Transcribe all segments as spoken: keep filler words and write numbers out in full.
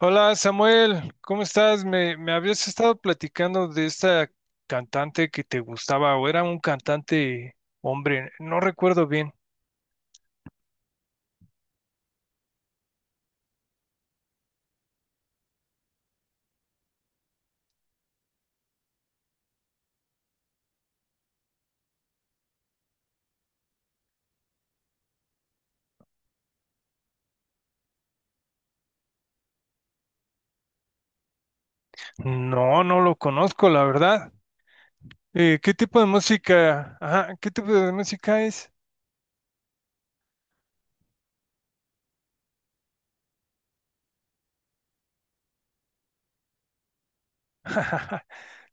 Hola Samuel, ¿cómo estás? Me, me habías estado platicando de esta cantante que te gustaba o era un cantante hombre, no recuerdo bien. No, no lo conozco, la verdad. Eh, ¿qué tipo de música? Ajá, ¿qué tipo de música es?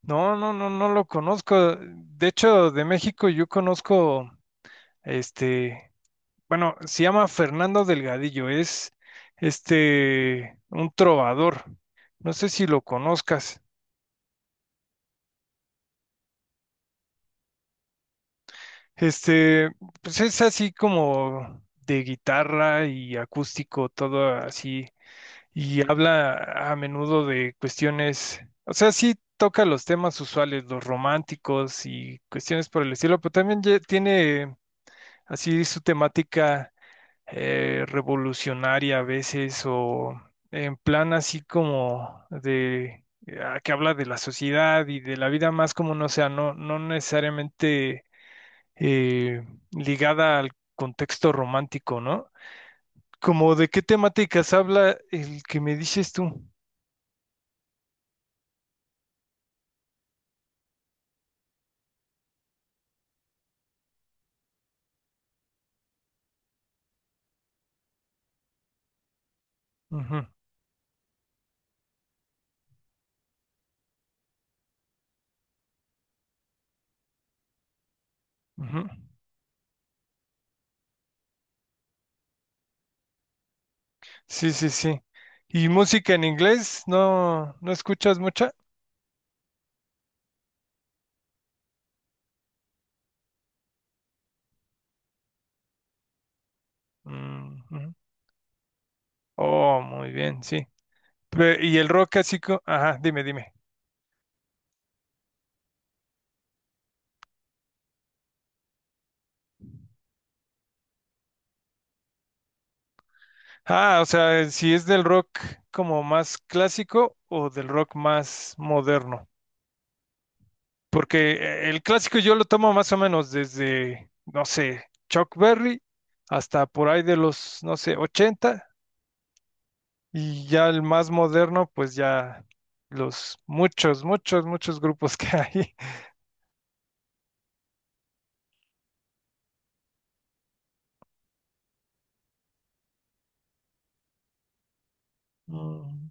No, no, no, no lo conozco. De hecho, de México yo conozco, este, bueno, se llama Fernando Delgadillo, es este, un trovador. No sé si lo conozcas. Este, pues es así como de guitarra y acústico, todo así, y habla a menudo de cuestiones, o sea, sí toca los temas usuales, los románticos y cuestiones por el estilo, pero también ye- tiene así su temática, eh, revolucionaria a veces, o en plan así como de eh, ah, que habla de la sociedad y de la vida, más como no sea, no, no necesariamente eh, ligada al contexto romántico, ¿no? Como de qué temáticas habla el que me dices tú. Ujú, ujú. Sí, sí, sí. ¿Y música en inglés? ¿No, no escuchas mucha? Mm, ujú. Oh, muy bien, sí. Pe- Y el rock clásico, ajá, dime, dime. Ah, o sea, eh, si es del rock como más clásico o del rock más moderno. Porque eh, el clásico yo lo tomo más o menos desde, no sé, Chuck Berry hasta por ahí de los, no sé, ochenta. Y ya el más moderno, pues ya los muchos, muchos, muchos grupos que hay. Mm,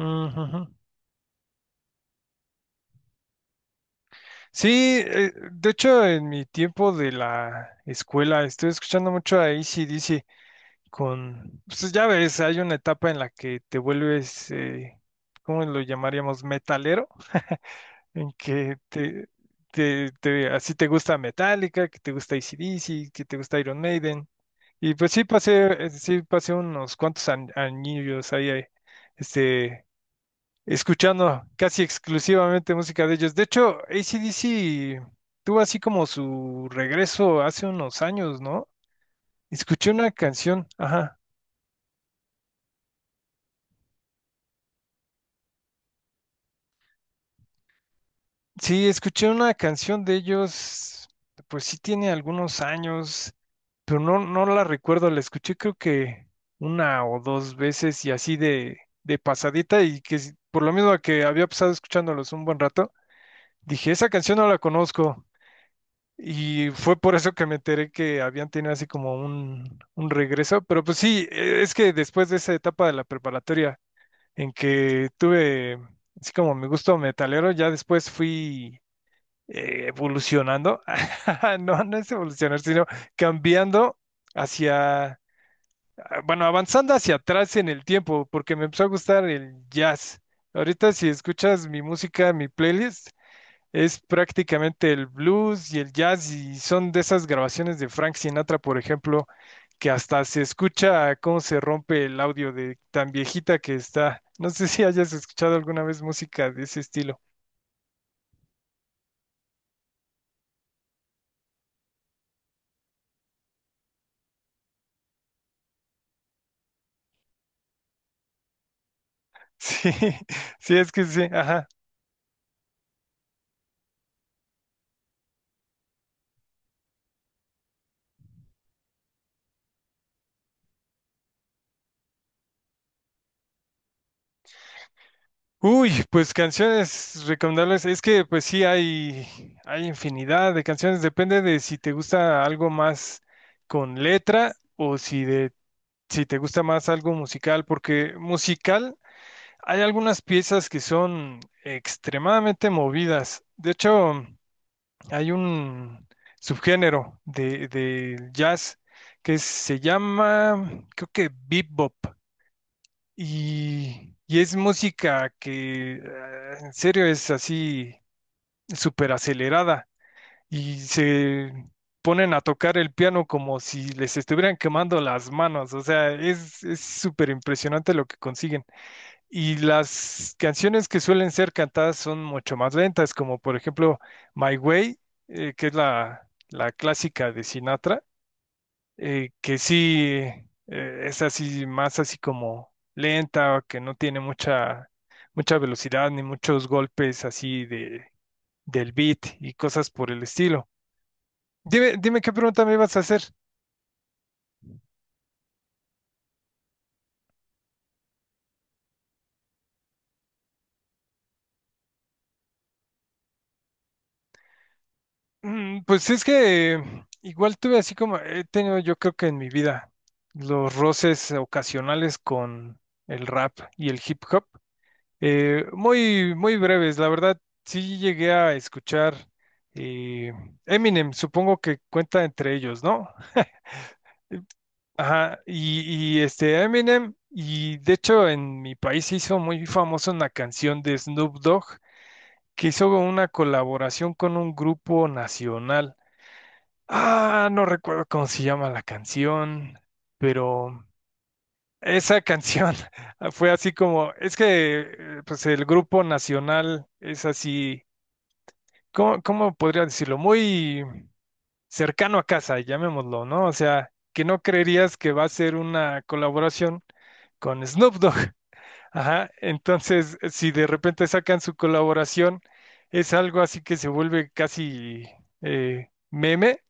ujujú. Sí, eh, de hecho en mi tiempo de la escuela estuve escuchando mucho a AC/D C. Con, pues ya ves, hay una etapa en la que te vuelves, eh, ¿cómo lo llamaríamos? Metalero, en que te, te, te- así te gusta Metallica, que te gusta A C/D C, que te gusta Iron Maiden. Y pues sí pasé, eh, sí pasé unos cuantos an- añillos ahí, eh, este, escuchando casi exclusivamente música de ellos. De hecho, A C/D C tuvo así como su regreso hace unos años, ¿no? Escuché una canción, ajá. Sí, escuché una canción de ellos, pues sí tiene algunos años, pero no, no la recuerdo, la escuché creo que una o dos veces y así de, de pasadita y que si- por lo mismo que había pasado escuchándolos un buen rato, dije, esa canción no la conozco y fue por eso que me enteré que habían tenido así como un, un regreso, pero pues sí, e- es que después de esa etapa de la preparatoria en que tuve así como mi gusto metalero, ya después fui eh, evolucionando, no, no es evolucionar, sino cambiando hacia, bueno, avanzando hacia atrás en el tiempo, porque me empezó a gustar el jazz. Ahorita si escuchas mi música, mi playlist, es prácticamente el blues y el jazz y son de esas grabaciones de Frank Sinatra, por ejemplo, que hasta se escucha cómo se rompe el audio de tan viejita que está. No sé si hayas escuchado alguna vez música de ese estilo. Sí, sí, es que sí, ajá. Uy, pues canciones recomendables. Es que pues sí hay, hay infinidad de canciones. Depende de si te gusta algo más con letra o si de, si te gusta más algo musical, porque musical hay algunas piezas que son extremadamente movidas. De hecho, hay un subgénero de, del jazz que se llama, creo que bebop. Y, y es música que eh, en serio es así súper acelerada y se ponen a tocar el piano como si les estuvieran quemando las manos, o sea, es es súper impresionante lo que consiguen. Y las canciones que suelen ser cantadas son mucho más lentas, como por ejemplo My Way, eh, que es la, la clásica de Sinatra, eh, que sí, eh, es así, más así como lenta, que no tiene mucha, mucha velocidad ni muchos golpes así de, del beat y cosas por el estilo. Dime, dime qué pregunta me ibas a hacer. Mm, pues es que eh, igual tuve así como he tenido yo creo que en mi vida los roces ocasionales con el rap y el hip hop. Eh, muy, muy breves, la verdad, sí llegué a escuchar eh, Eminem, supongo que cuenta entre ellos, ¿no? Eh, ajá, y, y, este Eminem, y de hecho en mi país se hizo muy famosa una canción de Snoop Dogg que hizo una colaboración con un grupo nacional. Ah, no recuerdo cómo se llama la canción, pero esa canción fue así como, es que eh, pues el grupo nacional es así ¿cómo, cómo podría decirlo? Muy cercano a casa, llamémoslo, ¿no? O sea, que no creerías que va a ser una colaboración con Snoop Dogg. Ajá. Entonces, si de repente sacan su colaboración, es algo así que se vuelve casi eh, meme.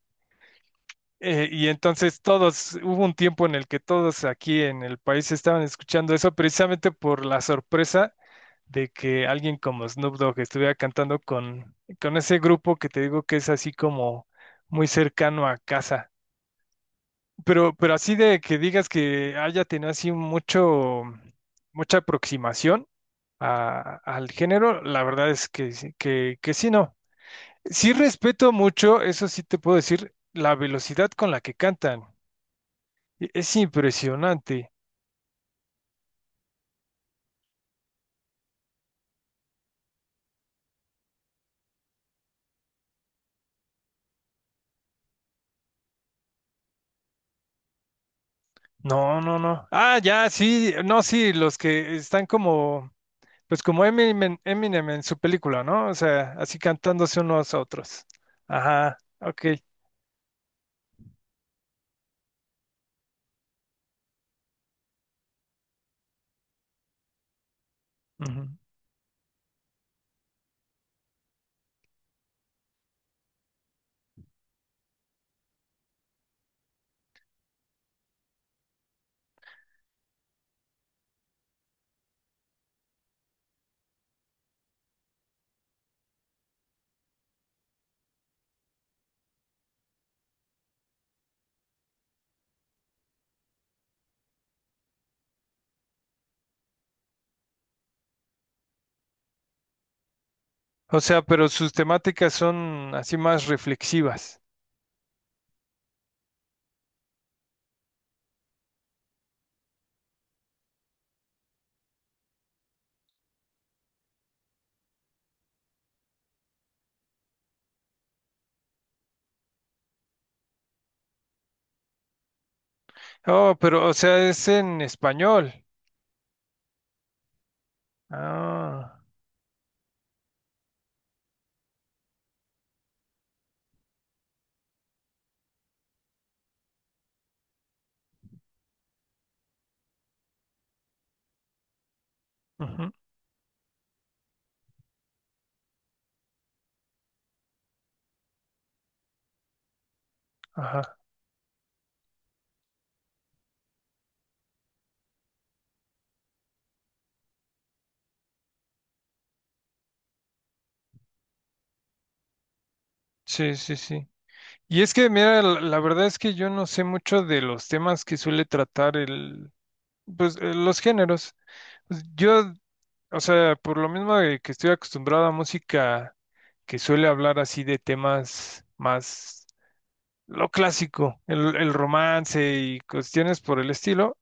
eh, Y entonces todos, hubo un tiempo en el que todos aquí en el país estaban escuchando eso precisamente por la sorpresa de que alguien como Snoop Dogg estuviera cantando con, con ese grupo que te digo que es así como muy cercano a casa. Pero, pero así de que digas que haya tenido así mucho, mucha aproximación a- al género, la verdad es que, sí- que, que sí, no. Sí respeto mucho, eso sí te puedo decir, la velocidad con la que cantan. E- Es impresionante. No, no, no. Ah, ya, sí, no, sí, los que están como pues como Eminem, Eminem en su película, ¿no? O sea, así cantándose unos a otros. Ajá, ok. Ujú. O sea, pero sus temáticas son así más reflexivas. Oh, pero, o sea, es en español. Ah, ujú, ajá. Sí, sí, sí. Y es que, mira, la, la verdad es que yo no sé mucho de los temas que suele tratar el, pues, eh, los géneros. Pues, yo, o sea, por lo mismo de que estoy acostumbrado a música que suele hablar así de temas más lo clásico, el, el romance y cuestiones por el estilo,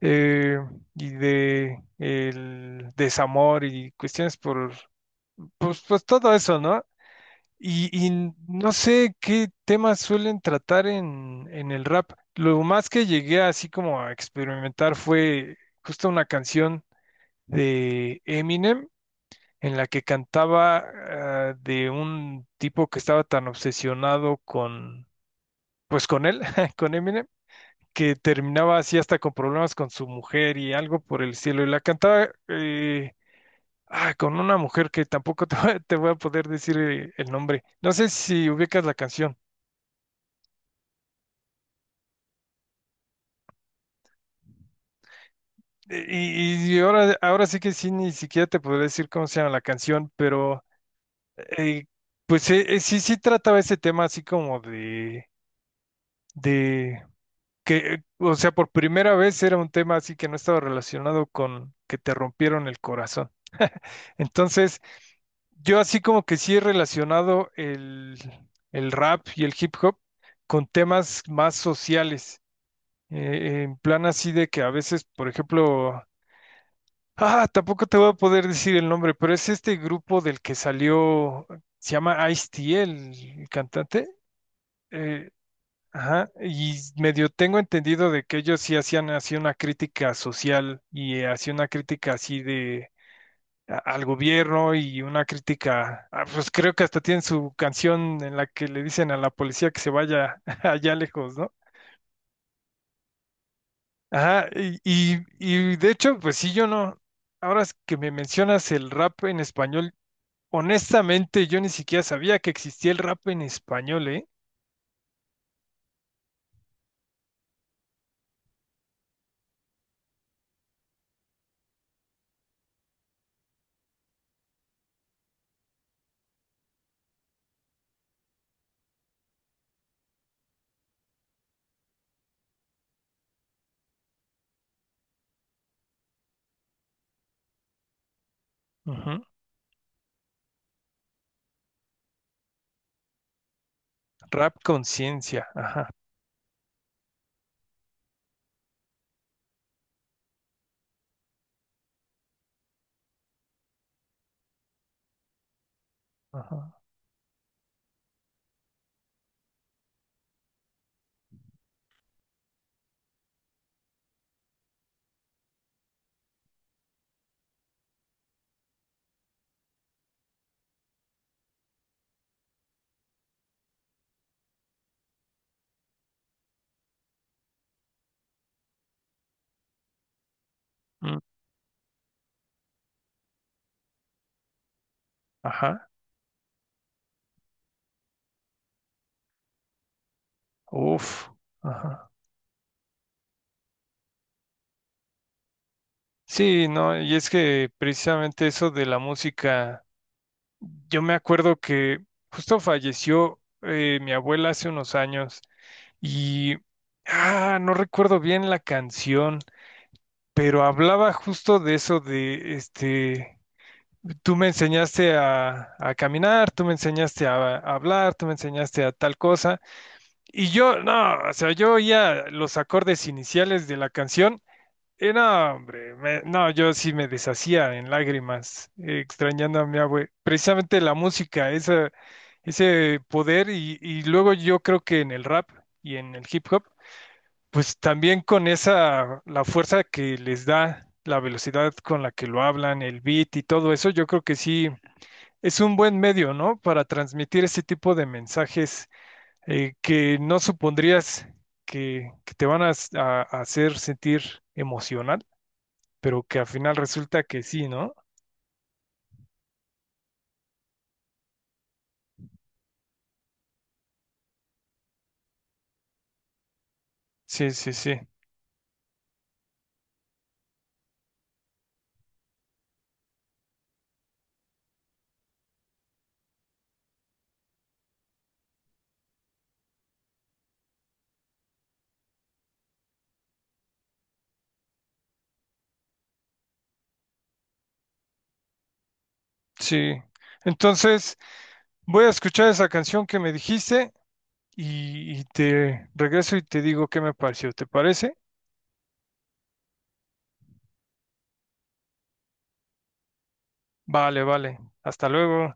eh, y de el desamor y cuestiones por, pues, pues todo eso, ¿no? Y, y no sé qué temas suelen tratar en, en el rap. Lo más que llegué así como a experimentar fue justo una canción de Eminem en la que cantaba ah, de un tipo que estaba tan obsesionado con, pues con él, con Eminem, que terminaba así hasta con problemas con su mujer y algo por el cielo. Y la cantaba eh, ah, con una mujer que tampoco te, voy a te voy a poder decir eh, el nombre. No sé si ubicas la canción. Eh, Y, y ahora, ahora sí que sí, ni siquiera te podré decir cómo se llama la canción, pero eh, pues eh, eh, sí, sí trataba ese tema así como de, de que, o sea, por primera vez era un tema así que no estaba relacionado con que te rompieron el corazón. Entonces, yo así como que sí he relacionado el, el rap y el hip hop con temas más sociales, eh, en plan así de que a veces, por ejemplo, ah, tampoco te voy a poder decir el nombre, pero es este grupo del que salió, se llama Ice-T, el, el cantante. Eh, Ajá, y s- medio tengo entendido de que ellos sí hacían así una crítica social y eh, hacían una crítica así de a- al gobierno y una crítica, ah, pues creo que hasta tienen su canción en la que le dicen a la policía que se vaya allá lejos, ¿no? Ajá, y, y, y de hecho, pues sí, yo no, ahora es que me mencionas el rap en español, honestamente yo ni siquiera sabía que existía el rap en español, ¿eh? Ujú, rap conciencia, ajá, ajá, mm, ajá. Uf, ajá. Sí, no, y es que precisamente eso de la música, yo me acuerdo que justo falleció eh, mi abuela hace unos años y, ah, no recuerdo bien la canción, pero hablaba justo de eso de, este, tú me enseñaste a, a caminar, tú me enseñaste a, a hablar, tú me enseñaste a tal cosa, y yo, no, o sea, yo oía los acordes iniciales de la canción. Eh, no, hombre, me- no, yo sí me deshacía en lágrimas, eh, extrañando a mi abue. Precisamente la música, esa, ese poder, y, y luego yo creo que en el rap y en el hip hop, pues también con esa, la fuerza que les da, la velocidad con la que lo hablan, el beat y todo eso, yo creo que sí es un buen medio, ¿no? Para transmitir ese tipo de mensajes eh, que no supondrías que, que te van a s- a- a hacer sentir emocional, pero que al final resulta que sí, ¿no? Sí, sí, sí, sí. Entonces, voy a escuchar esa canción que me dijiste y, y te regreso y te digo qué me pareció. ¿Te parece? Vale, vale. Hasta luego.